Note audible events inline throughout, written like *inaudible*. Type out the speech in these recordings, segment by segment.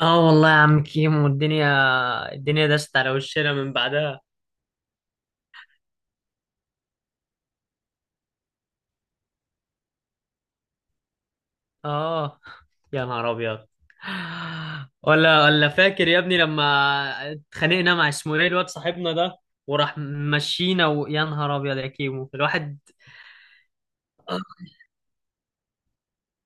اه، والله يا عم كيمو. الدنيا دست على وشنا من بعدها. اه، يا نهار ابيض. ولا فاكر يا ابني لما اتخانقنا مع اسمه ايه الواد صاحبنا ده وراح مشينا، ويا نهار ابيض يا كيمو الواحد. اه،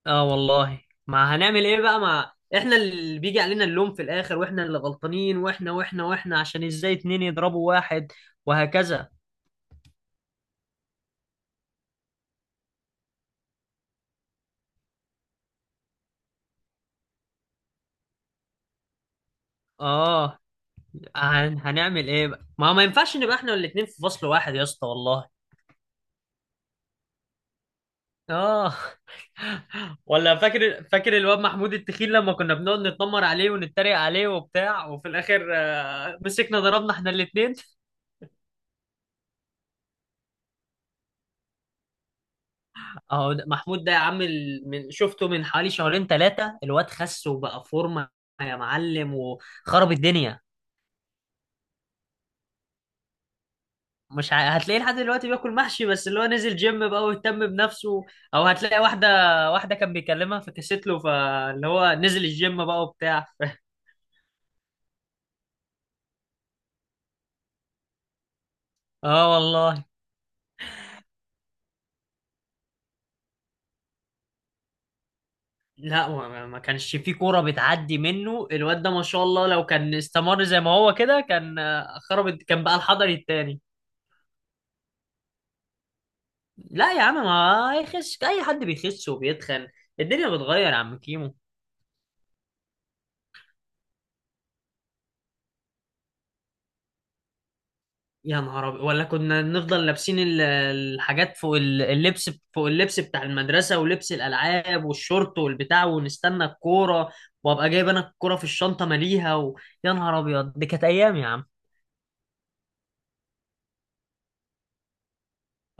آه والله. ما هنعمل ايه بقى؟ ما احنا اللي بيجي علينا اللوم في الاخر، واحنا اللي غلطانين، واحنا عشان ازاي اتنين يضربوا واحد، وهكذا. اه، هنعمل ايه بقى؟ ما ينفعش نبقى احنا الاتنين في فصل واحد يا اسطى والله. اه. *laughs* ولا فاكر الواد محمود التخين لما كنا بنقعد نتنمر عليه ونتريق عليه وبتاع، وفي الاخر مسكنا ضربنا احنا الاتنين. اهو محمود ده يا عم، من شفته من حوالي شهرين ثلاثة الواد خس وبقى فورمة يا معلم، وخرب الدنيا. مش ع... هتلاقيه لحد دلوقتي بياكل محشي، بس اللي هو نزل جيم بقى واهتم بنفسه. او هتلاقي واحدة، واحدة كان بيكلمها فكست له، فاللي هو نزل الجيم بقى وبتاع. *laughs* اه والله. لا، ما كانش في كورة بتعدي منه الواد ده، ما شاء الله. لو كان استمر زي ما هو كده كان خرب، كان بقى الحضري التاني. لا يا عم، ما يخش اي حد بيخش وبيتخن. الدنيا بتغير يا عم كيمو. يا نهار أبيض. ولا كنا نفضل لابسين الحاجات فوق اللبس فوق اللبس بتاع المدرسة، ولبس الألعاب والشورت والبتاع، ونستنى الكورة. وأبقى جايب أنا الكورة في الشنطة ماليها يا نهار أبيض، دي كانت أيام يا عم.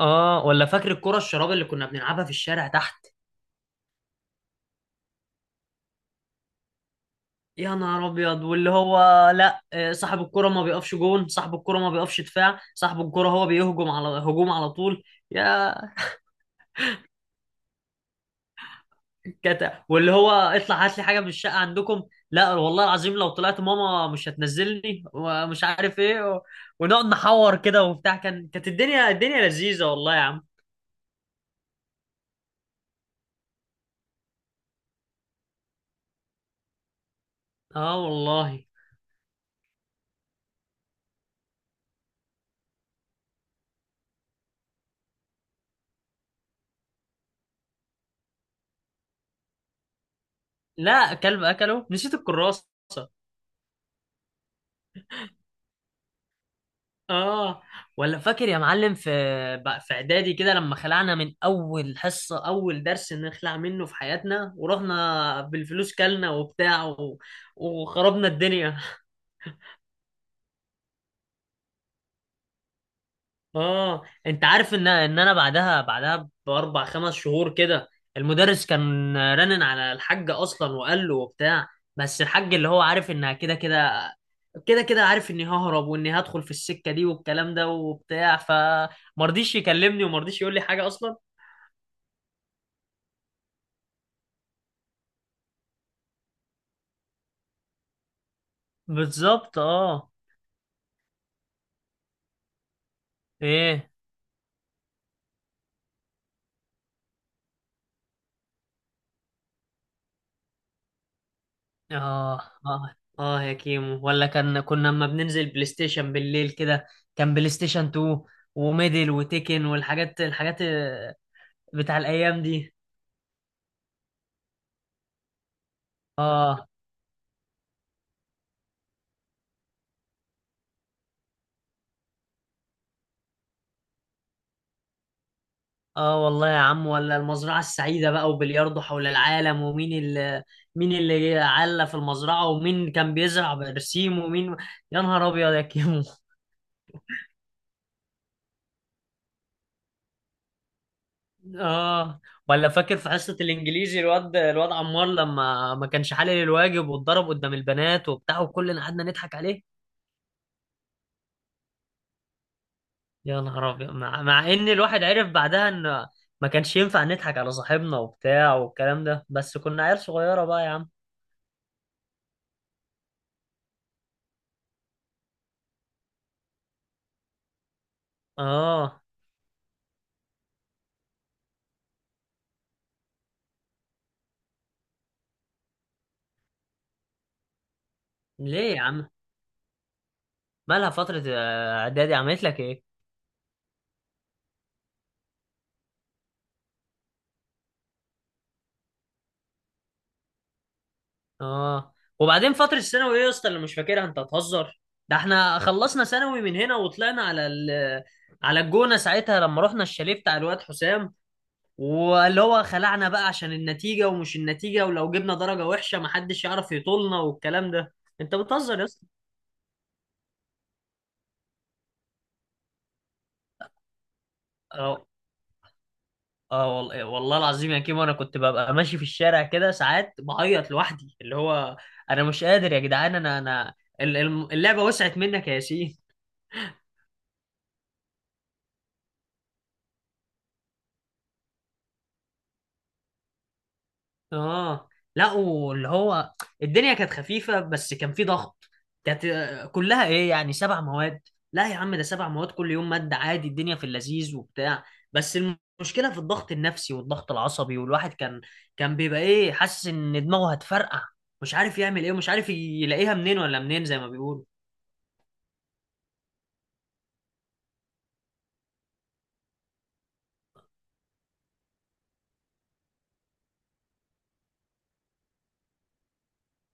آه، ولا فاكر الكورة الشراب اللي كنا بنلعبها في الشارع. يا نهار ابيض، واللي هو لا، صاحب الكرة ما بيقفش جون، صاحب الكرة ما بيقفش دفاع، صاحب الكرة هو بيهجم على هجوم على طول. يا كتا، واللي هو اطلع هات لي حاجة من الشقة عندكم، لا والله العظيم لو طلعت ماما مش هتنزلني، ومش عارف ايه ونقعد نحور كده وبتاع. كانت الدنيا لذيذة والله يا عم. اه والله. لا، كلب اكله، نسيت الكراسة. اه، ولا فاكر يا معلم في بقى في اعدادي كده لما خلعنا من اول حصة، اول درس نخلع منه في حياتنا، ورحنا بالفلوس كلنا وبتاع وخربنا الدنيا. *laughs* اه، انت عارف ان انا بعدها باربع خمس شهور كده المدرس كان رنن على الحاج اصلا، وقال له وبتاع. بس الحاج اللي هو عارف انها كده كده، كده كده عارف اني ههرب واني هدخل في السكة دي والكلام ده وبتاع، فمرضيش يكلمني ومرضيش يقول لي حاجة اصلا. بالظبط اه. ايه. اه اه، اه يا كيمو، ولا كنا لما بننزل بلاي ستيشن بالليل كده، كان بلاي ستيشن 2 وميدل وتيكن والحاجات الحاجات آه، بتاع الايام دي. اه. اه والله يا عم، ولا المزرعة السعيدة بقى، وبلياردو حول العالم، ومين اللي مين اللي علّى في المزرعة، ومين كان بيزرع برسيم، ومين. يا نهار ابيض يا كيمو. اه، ولا فاكر في حصة الانجليزي الواد عمار لما ما كانش حالل الواجب، واتضرب قدام البنات وبتاع، وكلنا قعدنا نضحك عليه. يا نهار ابيض، مع ان الواحد عرف بعدها ان ما كانش ينفع نضحك على صاحبنا وبتاع والكلام ده، بس كنا عيال صغيرة بقى يا عم. اه. ليه يا عم؟ مالها فترة اعدادي؟ عملت لك ايه؟ اه، وبعدين فترة الثانوي ايه يا اسطى اللي مش فاكرها؟ انت هتهزر. ده احنا خلصنا ثانوي من هنا وطلعنا على على الجونة ساعتها، لما رحنا الشاليه بتاع الواد حسام، واللي هو خلعنا بقى عشان النتيجة ومش النتيجة، ولو جبنا درجة وحشة محدش يعرف يطولنا والكلام ده. انت بتهزر يا اسطى. اه، اه والله، والله العظيم يا كيمو، انا كنت ببقى ماشي في الشارع كده ساعات بعيط لوحدي، اللي هو انا مش قادر يا جدعان، انا اللعبة وسعت منك يا ياسين. اه. لا، واللي هو الدنيا كانت خفيفة بس كان في ضغط. كانت كلها ايه يعني؟ سبع مواد. لا يا عم، ده سبع مواد كل يوم مادة عادي، الدنيا في اللذيذ وبتاع، بس المشكلة في الضغط النفسي والضغط العصبي. والواحد كان بيبقى ايه، حاسس ان دماغه هتفرقع، مش عارف يعمل ايه، ومش عارف يلاقيها منين ولا منين زي ما بيقولوا.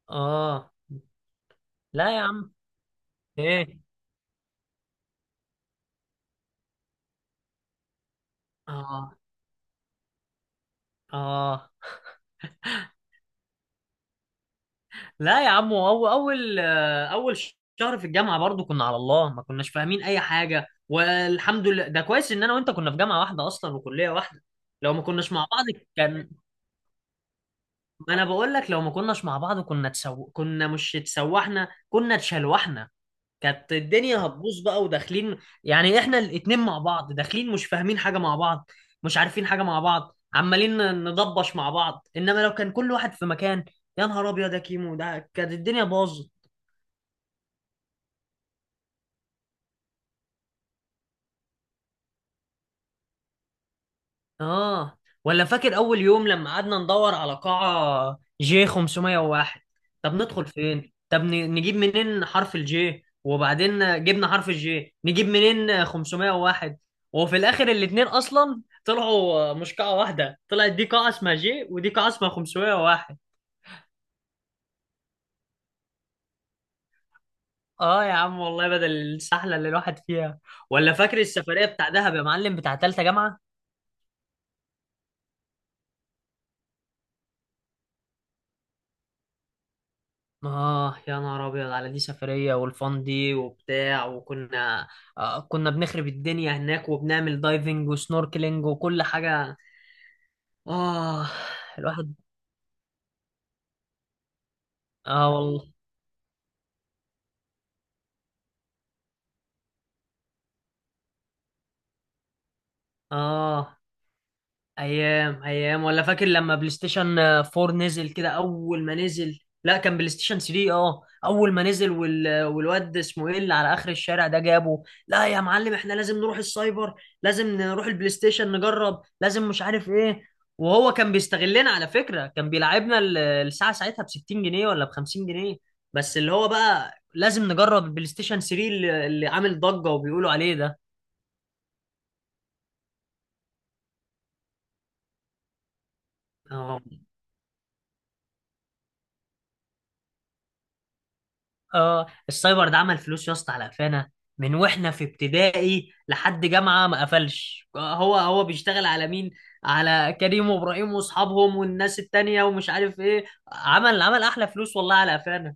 اه. لا يا عم. ايه. اه. اه، لا يا عم، هو اول شهر في الجامعه برضو كنا على الله، ما كناش فاهمين اي حاجه. والحمد لله ده كويس ان انا وانت كنا في جامعه واحده اصلا وكليه واحده. لو ما كناش مع بعض كان، ما انا بقول لك لو ما كناش مع بعض كنا مش اتسوحنا، كنا اتشلوحنا. كانت الدنيا هتبوظ بقى وداخلين. يعني احنا الاتنين مع بعض داخلين مش فاهمين حاجه مع بعض، مش عارفين حاجه مع بعض، عمالين ندبش مع بعض، انما لو كان كل واحد في مكان، يا نهار ابيض يا كيمو، ده كانت الدنيا باظت. اه، ولا فاكر اول يوم لما قعدنا ندور على قاعة جي 501؟ طب ندخل فين؟ طب نجيب منين حرف الجي، وبعدين جبنا حرف الجي نجيب منين 501؟ وفي الاخر الاتنين اصلا طلعوا مش قاعة واحدة، طلعت دي قاعة اسمها جي ودي قاعة اسمها 501. اه يا عم والله، بدل السحلة اللي الواحد فيها. ولا فاكر السفرية بتاع دهب يا معلم بتاع تالتة جامعة؟ آه، يا نهار أبيض على دي سفرية، والفان دي وبتاع وكنا، آه كنا بنخرب الدنيا هناك، وبنعمل دايفنج وسنوركلينج وكل حاجة. آه. الواحد. آه والله. آه. ايام ايام. ولا فاكر لما بلاي ستيشن 4 نزل كده اول ما نزل؟ لا، كان بلاي ستيشن 3 اه اول ما نزل، والواد اسمه ايه اللي على اخر الشارع ده جابه. لا يا معلم، احنا لازم نروح السايبر، لازم نروح البلاي ستيشن نجرب، لازم، مش عارف ايه. وهو كان بيستغلنا على فكرة، كان بيلعبنا الساعة ساعتها ب 60 جنيه ولا ب 50 جنيه. بس اللي هو بقى لازم نجرب البلاي ستيشن 3 اللي عامل ضجة وبيقولوا عليه ده. آه. اه، السايبر ده عمل فلوس يا اسطى على قفانا، من واحنا في ابتدائي لحد جامعه ما قفلش. هو بيشتغل على مين؟ على كريم وابراهيم واصحابهم والناس التانية ومش عارف ايه. عمل احلى فلوس والله على قفانا.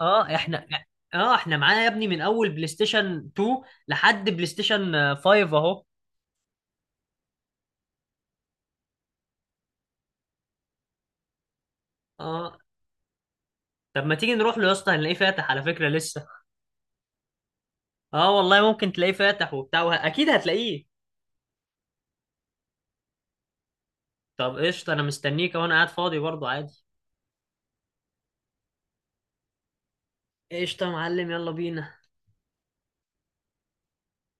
اه احنا اه، احنا معانا يا ابني من اول بلاي ستيشن 2 لحد بلاي ستيشن 5 اهو. اه، طب ما تيجي نروح له يا اسطى؟ هنلاقيه فاتح على فكره لسه. اه والله، ممكن تلاقيه فاتح وبتاع، اكيد هتلاقيه. طب قشطه، انا مستنيك وانا قاعد فاضي برضه عادي. قشطة يا معلم، يلا بينا.